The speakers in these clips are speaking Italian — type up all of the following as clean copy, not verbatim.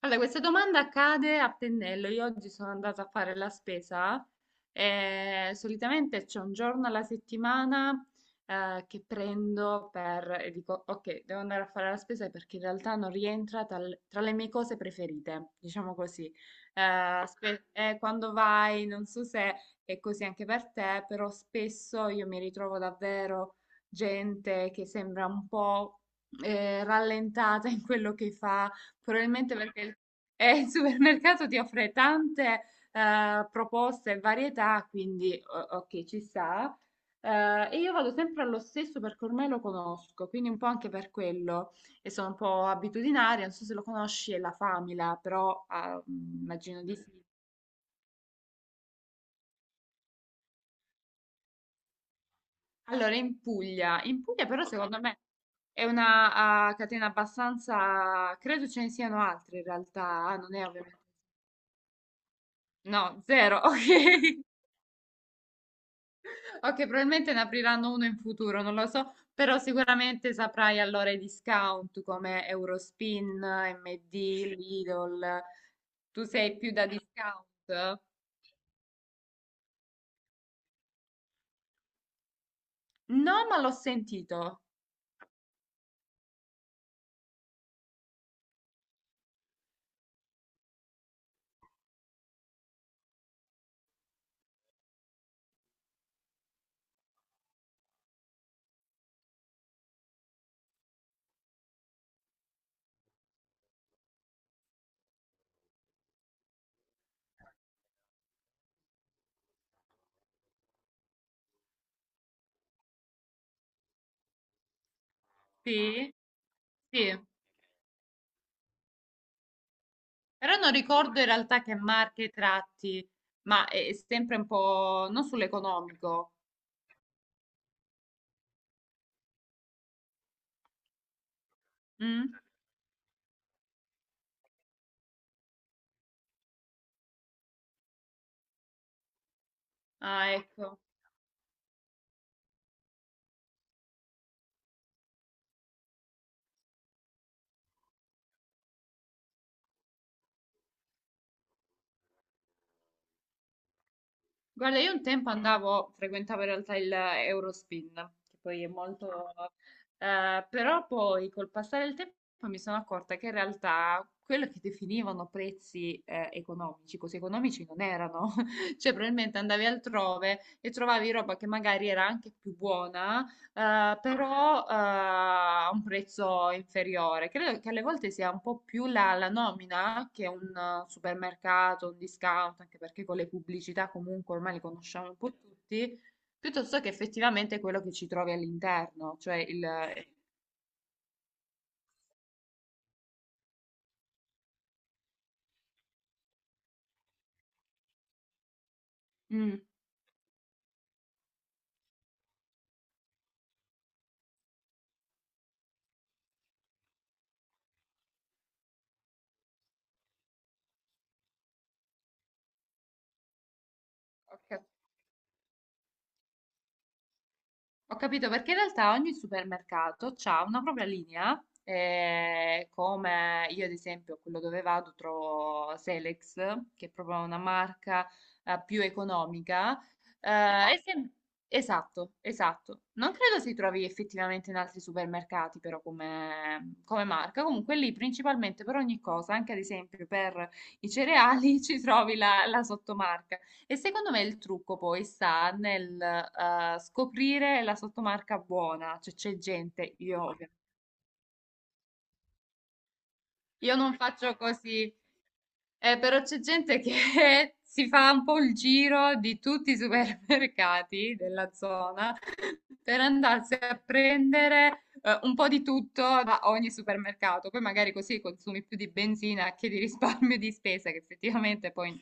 Allora, questa domanda cade a pennello. Io oggi sono andata a fare la spesa e solitamente c'è un giorno alla settimana che prendo per e dico, ok, devo andare a fare la spesa perché in realtà non rientra tra le mie cose preferite, diciamo così. Quando vai, non so se è così anche per te, però spesso io mi ritrovo davvero gente che sembra un po' rallentata in quello che fa. Probabilmente perché il supermercato ti offre tante proposte e varietà, quindi ok, ci sta. E io vado sempre allo stesso perché ormai lo conosco, quindi un po' anche per quello e sono un po' abitudinaria, non so se lo conosci, è la Famila, però immagino di sì. Allora, in Puglia però secondo me è una catena abbastanza, credo ce ne siano altre in realtà, non è ovviamente, no, zero, ok. Ok, probabilmente ne apriranno uno in futuro, non lo so, però sicuramente saprai allora i discount come Eurospin, MD, Lidl. Tu sei più da discount? No, ma l'ho sentito. Sì, sì. Però non ricordo in realtà che marche tratti, ma è sempre un po' non sull'economico. Mm? Ah, ecco. Guarda, io un tempo andavo, frequentavo in realtà il Eurospin, che poi è molto. Però poi col passare del tempo mi sono accorta che in realtà quello che definivano prezzi economici, così economici non erano. Cioè, probabilmente andavi altrove e trovavi roba che magari era anche più buona, però a un prezzo inferiore. Credo che alle volte sia un po' più la nomina che un supermercato, un discount, anche perché con le pubblicità comunque ormai le conosciamo un po' tutti, piuttosto che effettivamente quello che ci trovi all'interno, cioè il. Mm, ok. Ho capito perché in realtà ogni supermercato ha una propria linea, come io ad esempio quello dove vado trovo Selex, che è proprio una marca più economica. eh, e sem- esatto, esatto. Non credo si trovi effettivamente in altri supermercati però come marca. Comunque lì principalmente per ogni cosa, anche ad esempio per i cereali, ci trovi la sottomarca. E secondo me il trucco poi sta nel scoprire la sottomarca buona, cioè c'è gente, io non faccio così, però c'è gente che si fa un po' il giro di tutti i supermercati della zona per andarsi a prendere un po' di tutto da ogni supermercato, poi magari così consumi più di benzina che di risparmio di spesa, che effettivamente poi.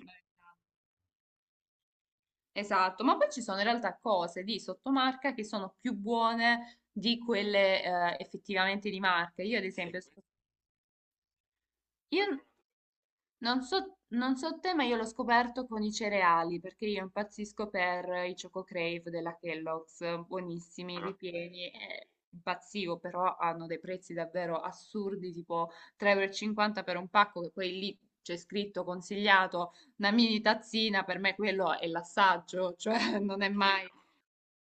Esatto, ma poi ci sono in realtà cose di sottomarca che sono più buone di quelle effettivamente di marca. Io, ad, sì, esempio, io non so te, ma io l'ho scoperto con i cereali, perché io impazzisco per i Choco Crave della Kellogg's, buonissimi, ah, ripieni, impazzivo, però hanno dei prezzi davvero assurdi, tipo 3,50 euro e cinquanta per un pacco, che poi lì c'è scritto consigliato una mini tazzina, per me quello è l'assaggio, cioè non è, sì, mai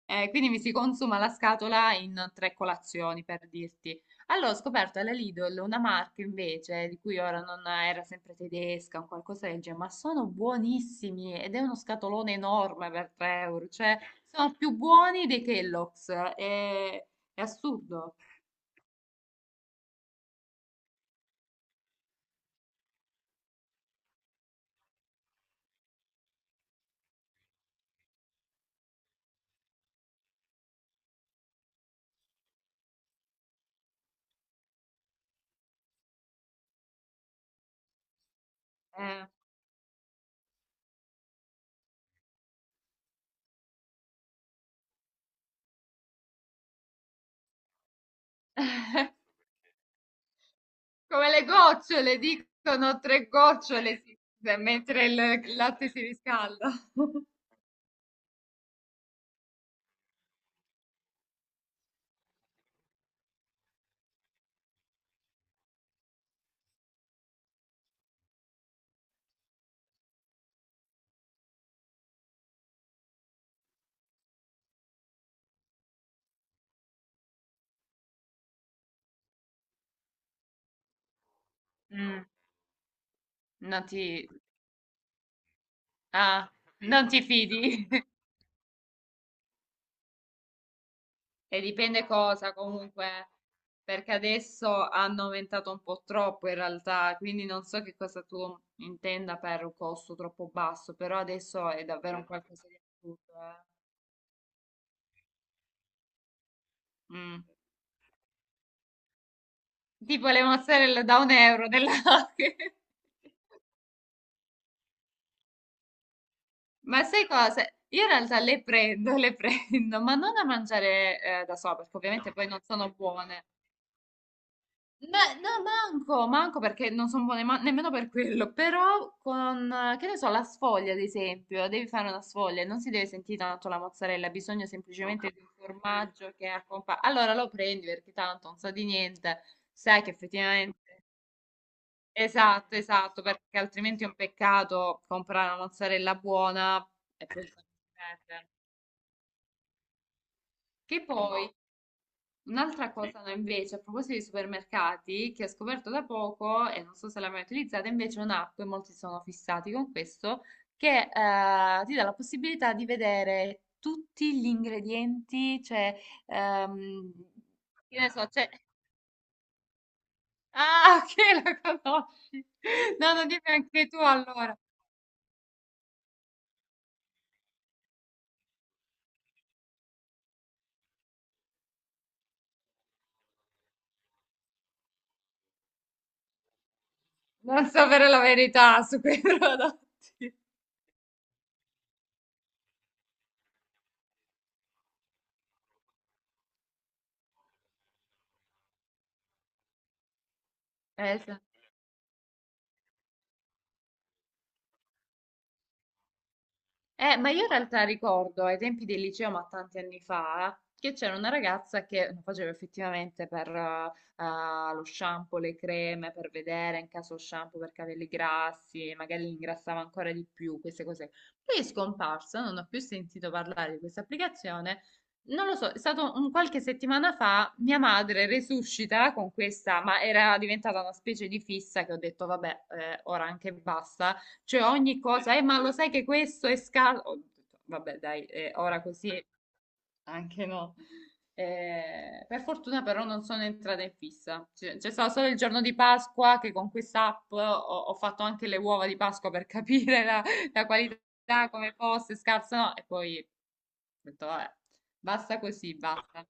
quindi mi si consuma la scatola in tre colazioni, per dirti. Allora, ho scoperto alla Lidl una marca invece, di cui ora non era sempre tedesca, un qualcosa del genere, ma sono buonissimi ed è uno scatolone enorme per 3 euro, cioè sono più buoni dei Kellogg's, è assurdo. eh. Come le gocciole, dicono tre gocciole, mentre il latte si riscalda. Mm, no, ti, ah, non ti fidi? E dipende cosa comunque, perché adesso hanno aumentato un po' troppo in realtà, quindi non so che cosa tu intenda per un costo troppo basso, però adesso è davvero un qualcosa di assurdo, eh. Mm. Tipo le mozzarella da 1 € della. Ma sai cosa? Io in realtà le prendo, ma non a mangiare da sola, perché ovviamente poi non sono buone. Beh, no, manco perché non sono buone nemmeno per quello, però con, che ne so, la sfoglia ad esempio, devi fare una sfoglia, non si deve sentire tanto la mozzarella, bisogna semplicemente di un formaggio che accompagna. Allora lo prendi perché tanto non sa di niente, sai che effettivamente. Esatto, esatto, perché altrimenti è un peccato comprare una mozzarella buona e poi farsi perdere. Che poi. Un'altra, sì, cosa no, invece, a proposito di supermercati, che ho scoperto da poco e non so se l'hai mai utilizzata, invece è un'app, e molti sono fissati con questo, che ti dà la possibilità di vedere tutti gli ingredienti, cioè, ehm, che ne so, c'è. Ah, che la conosci! No, non dimmi anche tu allora. Non sapere la verità su quei prodotti. Sì. Ma io in realtà ricordo ai tempi del liceo, ma tanti anni fa, che c'era una ragazza che lo faceva effettivamente per lo shampoo, le creme, per vedere in caso shampoo per capelli grassi, magari li ingrassava ancora di più, queste cose. Poi è scomparsa, non ho più sentito parlare di questa applicazione. Non lo so, è stato un qualche settimana fa, mia madre resuscita con questa, ma era diventata una specie di fissa che ho detto, vabbè, ora anche basta. Cioè ogni cosa, ma lo sai che questo è scarso? Ho detto, vabbè, dai, ora così anche no. Per fortuna però non sono entrata in fissa. C'è stato solo il giorno di Pasqua che con quest'app ho fatto anche le uova di Pasqua per capire la qualità, come fosse, scarsa o no. E poi ho detto, vabbè, basta così, basta.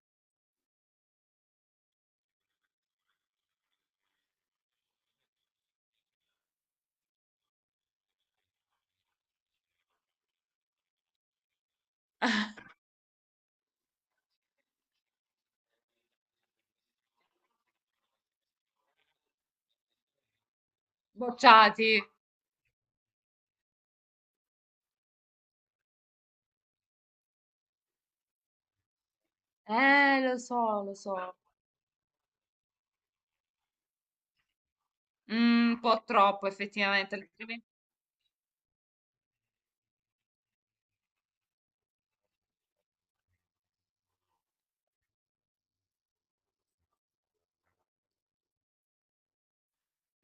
Bocciati. Lo so, lo so. Mm, un po' troppo effettivamente.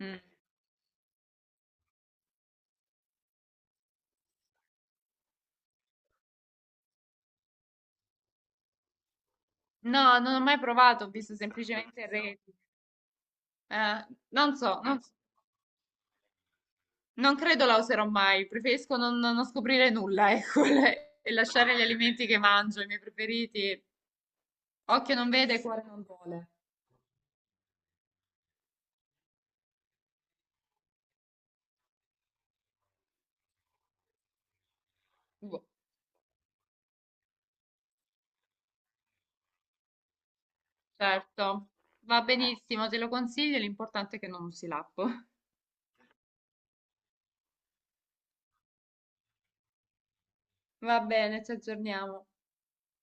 Mm. No, non ho mai provato, ho visto semplicemente reti. Non so, non credo la userò mai, preferisco non scoprire nulla, ecco, e lasciare gli alimenti che mangio, i miei preferiti. Occhio non vede, cuore non vuole. Boh, certo, va benissimo, te lo consiglio, l'importante è che non usi l'app. Va bene, ci aggiorniamo.